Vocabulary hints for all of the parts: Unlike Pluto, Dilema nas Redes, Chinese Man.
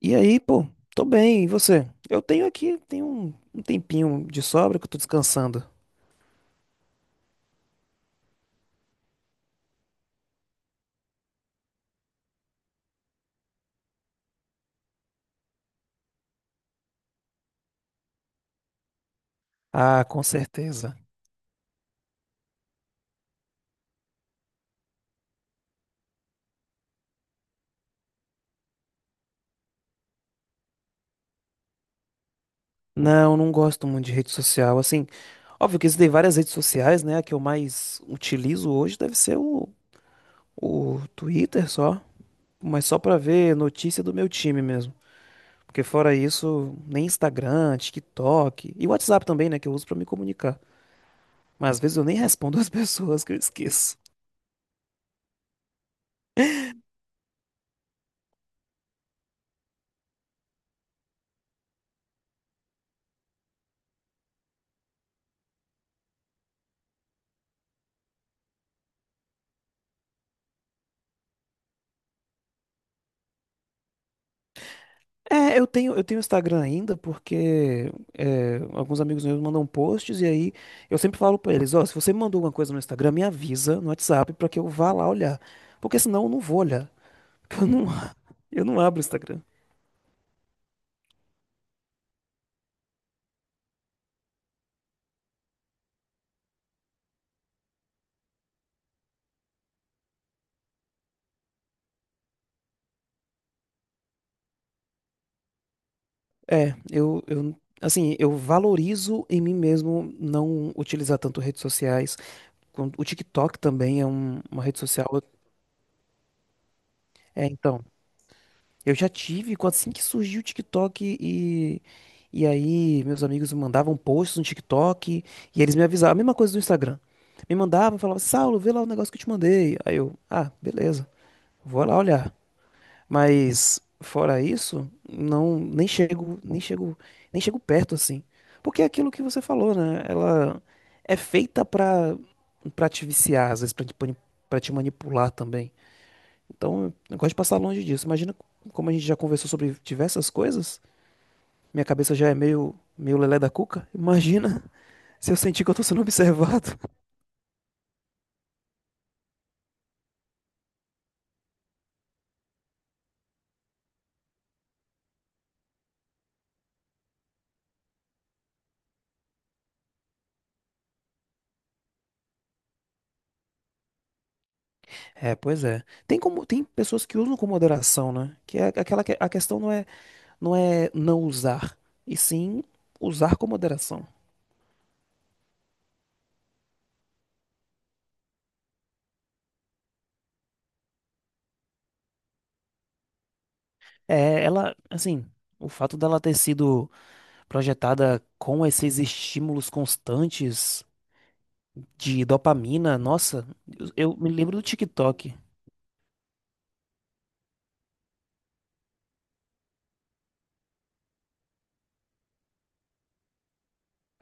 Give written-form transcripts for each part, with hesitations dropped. E aí, pô, tô bem, e você? Eu tenho aqui, tenho um tempinho de sobra que eu tô descansando. Ah, com certeza. Não, não gosto muito de rede social. Assim, óbvio que existem várias redes sociais, né? A que eu mais utilizo hoje deve ser o Twitter só, mas só pra ver notícia do meu time mesmo. Porque fora isso, nem Instagram, TikTok e WhatsApp também, né? Que eu uso pra me comunicar. Mas às vezes eu nem respondo as pessoas que eu esqueço. É, eu tenho Instagram ainda porque é, alguns amigos meus mandam posts e aí eu sempre falo pra eles, ó, se você me mandou alguma coisa no Instagram, me avisa no WhatsApp pra que eu vá lá olhar, porque senão eu não vou olhar, porque eu não, eu não abro o Instagram. É, eu, eu, assim, eu valorizo em mim mesmo não utilizar tanto redes sociais, o TikTok também é uma rede social, é, então... Eu já tive, assim que surgiu o TikTok e. E aí, meus amigos me mandavam posts no TikTok e eles me avisavam, a mesma coisa do Instagram. Me mandavam, falavam, assim, Saulo, vê lá o negócio que eu te mandei. Aí eu, ah, beleza, vou lá olhar. Mas fora isso, não, nem chego perto assim. Porque é aquilo que você falou, né? Ela é feita pra, pra te viciar, às vezes pra te, pra te manipular também. Então, eu gosto de passar longe disso. Imagina como a gente já conversou sobre diversas coisas. Minha cabeça já é meio, meio lelé da cuca. Imagina se eu sentir que eu tô sendo observado. É, pois é. Tem como, tem pessoas que usam com moderação, né? Que é aquela que a questão não é não usar, e sim usar com moderação. É, ela, assim, o fato dela ter sido projetada com esses estímulos constantes de dopamina, nossa, eu me lembro do TikTok.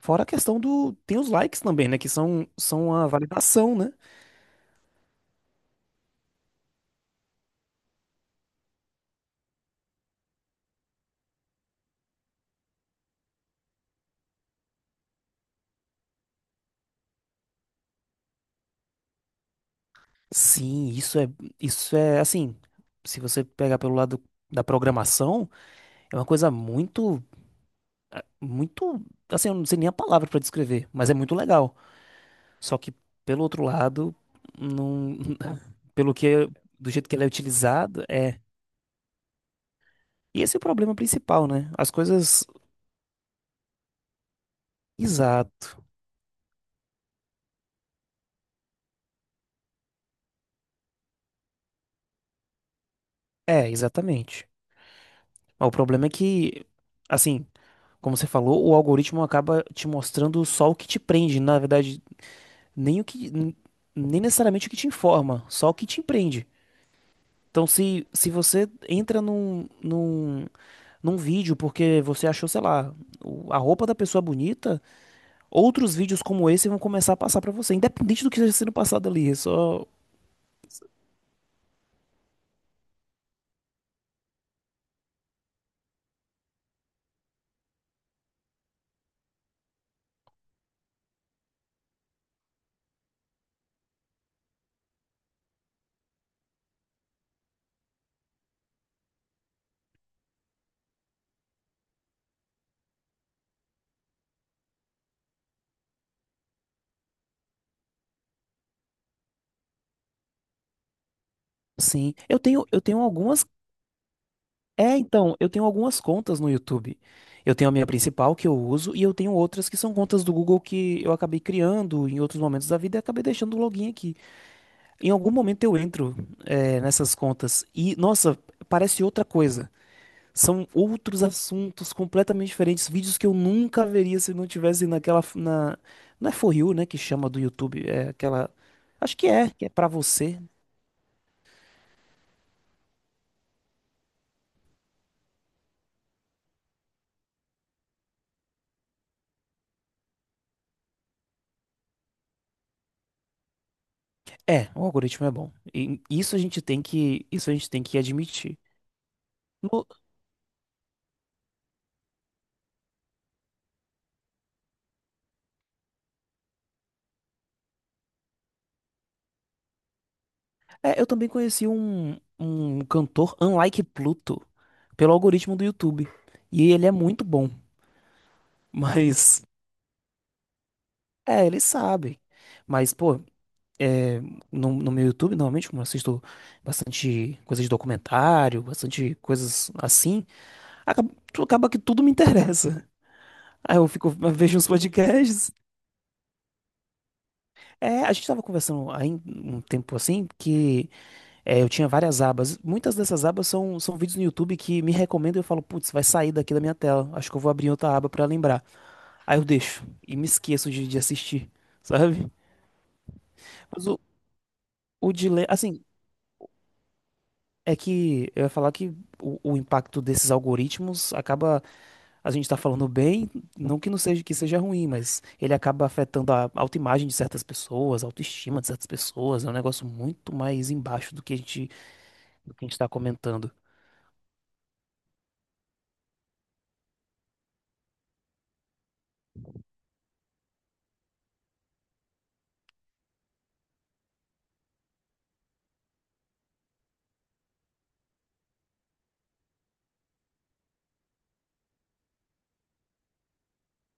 Fora a questão do. Tem os likes também, né? Que são, são a validação, né? Sim, isso é. Isso é assim. Se você pegar pelo lado da programação, é uma coisa muito. Muito. Assim, eu não sei nem a palavra pra descrever, mas é muito legal. Só que, pelo outro lado, não. Pelo que. Do jeito que ele é utilizado, é. E esse é o problema principal, né? As coisas. Exato. É, exatamente. Mas o problema é que. Assim, como você falou, o algoritmo acaba te mostrando só o que te prende, na verdade, nem o que, n- nem necessariamente o que te informa, só o que te prende. Então, se você entra num vídeo porque você achou, sei lá, a roupa da pessoa bonita, outros vídeos como esse vão começar a passar pra você, independente do que esteja sendo passado ali. É só. Sim. Eu tenho algumas É, então, eu tenho algumas contas no YouTube. Eu tenho a minha principal que eu uso e eu tenho outras que são contas do Google que eu acabei criando em outros momentos da vida e acabei deixando o login aqui. Em algum momento eu entro, é, nessas contas e, nossa, parece outra coisa. São outros assuntos completamente diferentes, vídeos que eu nunca veria se não tivesse naquela, na, não é For You, né, que chama do YouTube, é aquela, acho que é pra você. É, o algoritmo é bom. E isso a gente tem que, isso a gente tem que admitir. É, eu também conheci um cantor, Unlike Pluto, pelo algoritmo do YouTube. E ele é muito bom. Mas, é, ele sabe. Mas, pô, é, no meu YouTube, normalmente, como eu assisto bastante coisas de documentário, bastante coisas assim, acaba, acaba que tudo me interessa. Aí eu fico, eu vejo uns podcasts. É, a gente tava conversando aí um tempo assim que. É, eu tinha várias abas. Muitas dessas abas são vídeos no YouTube que me recomendam e eu falo, putz, vai sair daqui da minha tela. Acho que eu vou abrir outra aba pra lembrar. Aí eu deixo e me esqueço de assistir, sabe? Mas o dilema, assim, é que eu ia falar que o impacto desses algoritmos acaba. A gente tá falando bem, não que não seja que seja ruim, mas ele acaba afetando a autoimagem de certas pessoas, a autoestima de certas pessoas. É um negócio muito mais embaixo do que do que a gente tá comentando.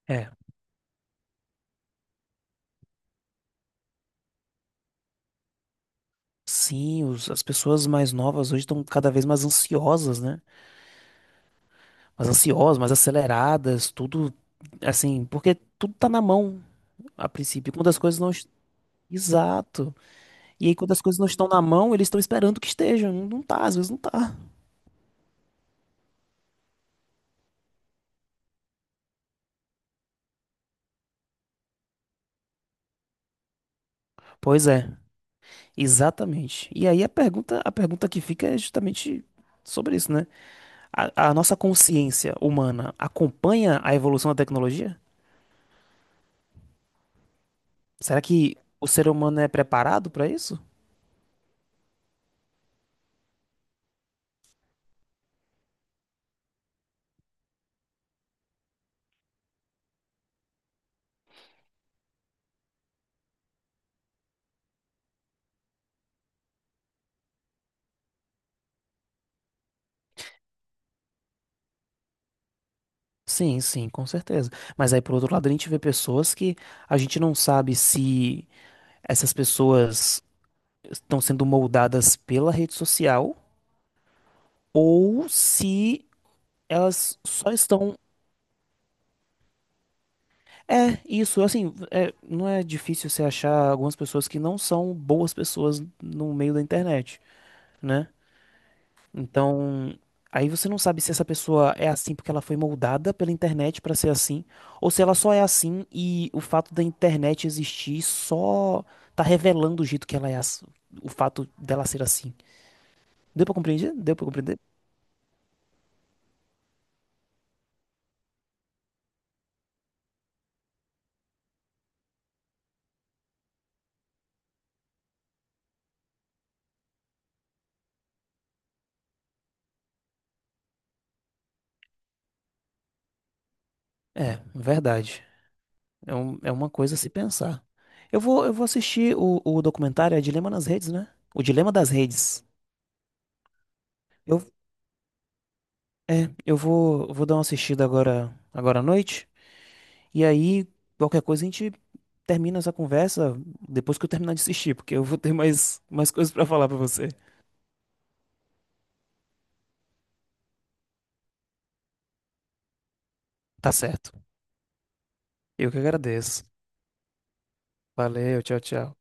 É, sim, as pessoas mais novas hoje estão cada vez mais ansiosas, né? Mais ansiosas, mais aceleradas, tudo assim, porque tudo tá na mão a princípio. Quando as coisas não. Est-. Exato. E aí, quando as coisas não estão na mão, eles estão esperando que estejam. Não tá, às vezes não tá. Pois é. Exatamente. E aí a pergunta que fica é justamente sobre isso, né? A nossa consciência humana acompanha a evolução da tecnologia? Será que o ser humano é preparado para isso? Sim, sim, com certeza. Mas aí, por outro lado, a gente vê pessoas que a gente não sabe se essas pessoas estão sendo moldadas pela rede social ou se elas só estão. É, isso, assim, é, não é difícil você achar algumas pessoas que não são boas pessoas no meio da internet, né? Então, aí você não sabe se essa pessoa é assim porque ela foi moldada pela internet pra ser assim, ou se ela só é assim e o fato da internet existir só tá revelando o jeito que ela é, o fato dela ser assim. Deu pra compreender? Deu pra compreender? É, verdade. É uma coisa a se pensar. Eu vou assistir o documentário, é Dilema nas Redes, né? O Dilema das Redes. Eu, eu vou, vou dar uma assistida agora, agora à noite. E aí, qualquer coisa, a gente termina essa conversa depois que eu terminar de assistir, porque eu vou ter mais, mais coisas pra falar pra você. Tá certo. Eu que agradeço. Valeu, tchau, tchau.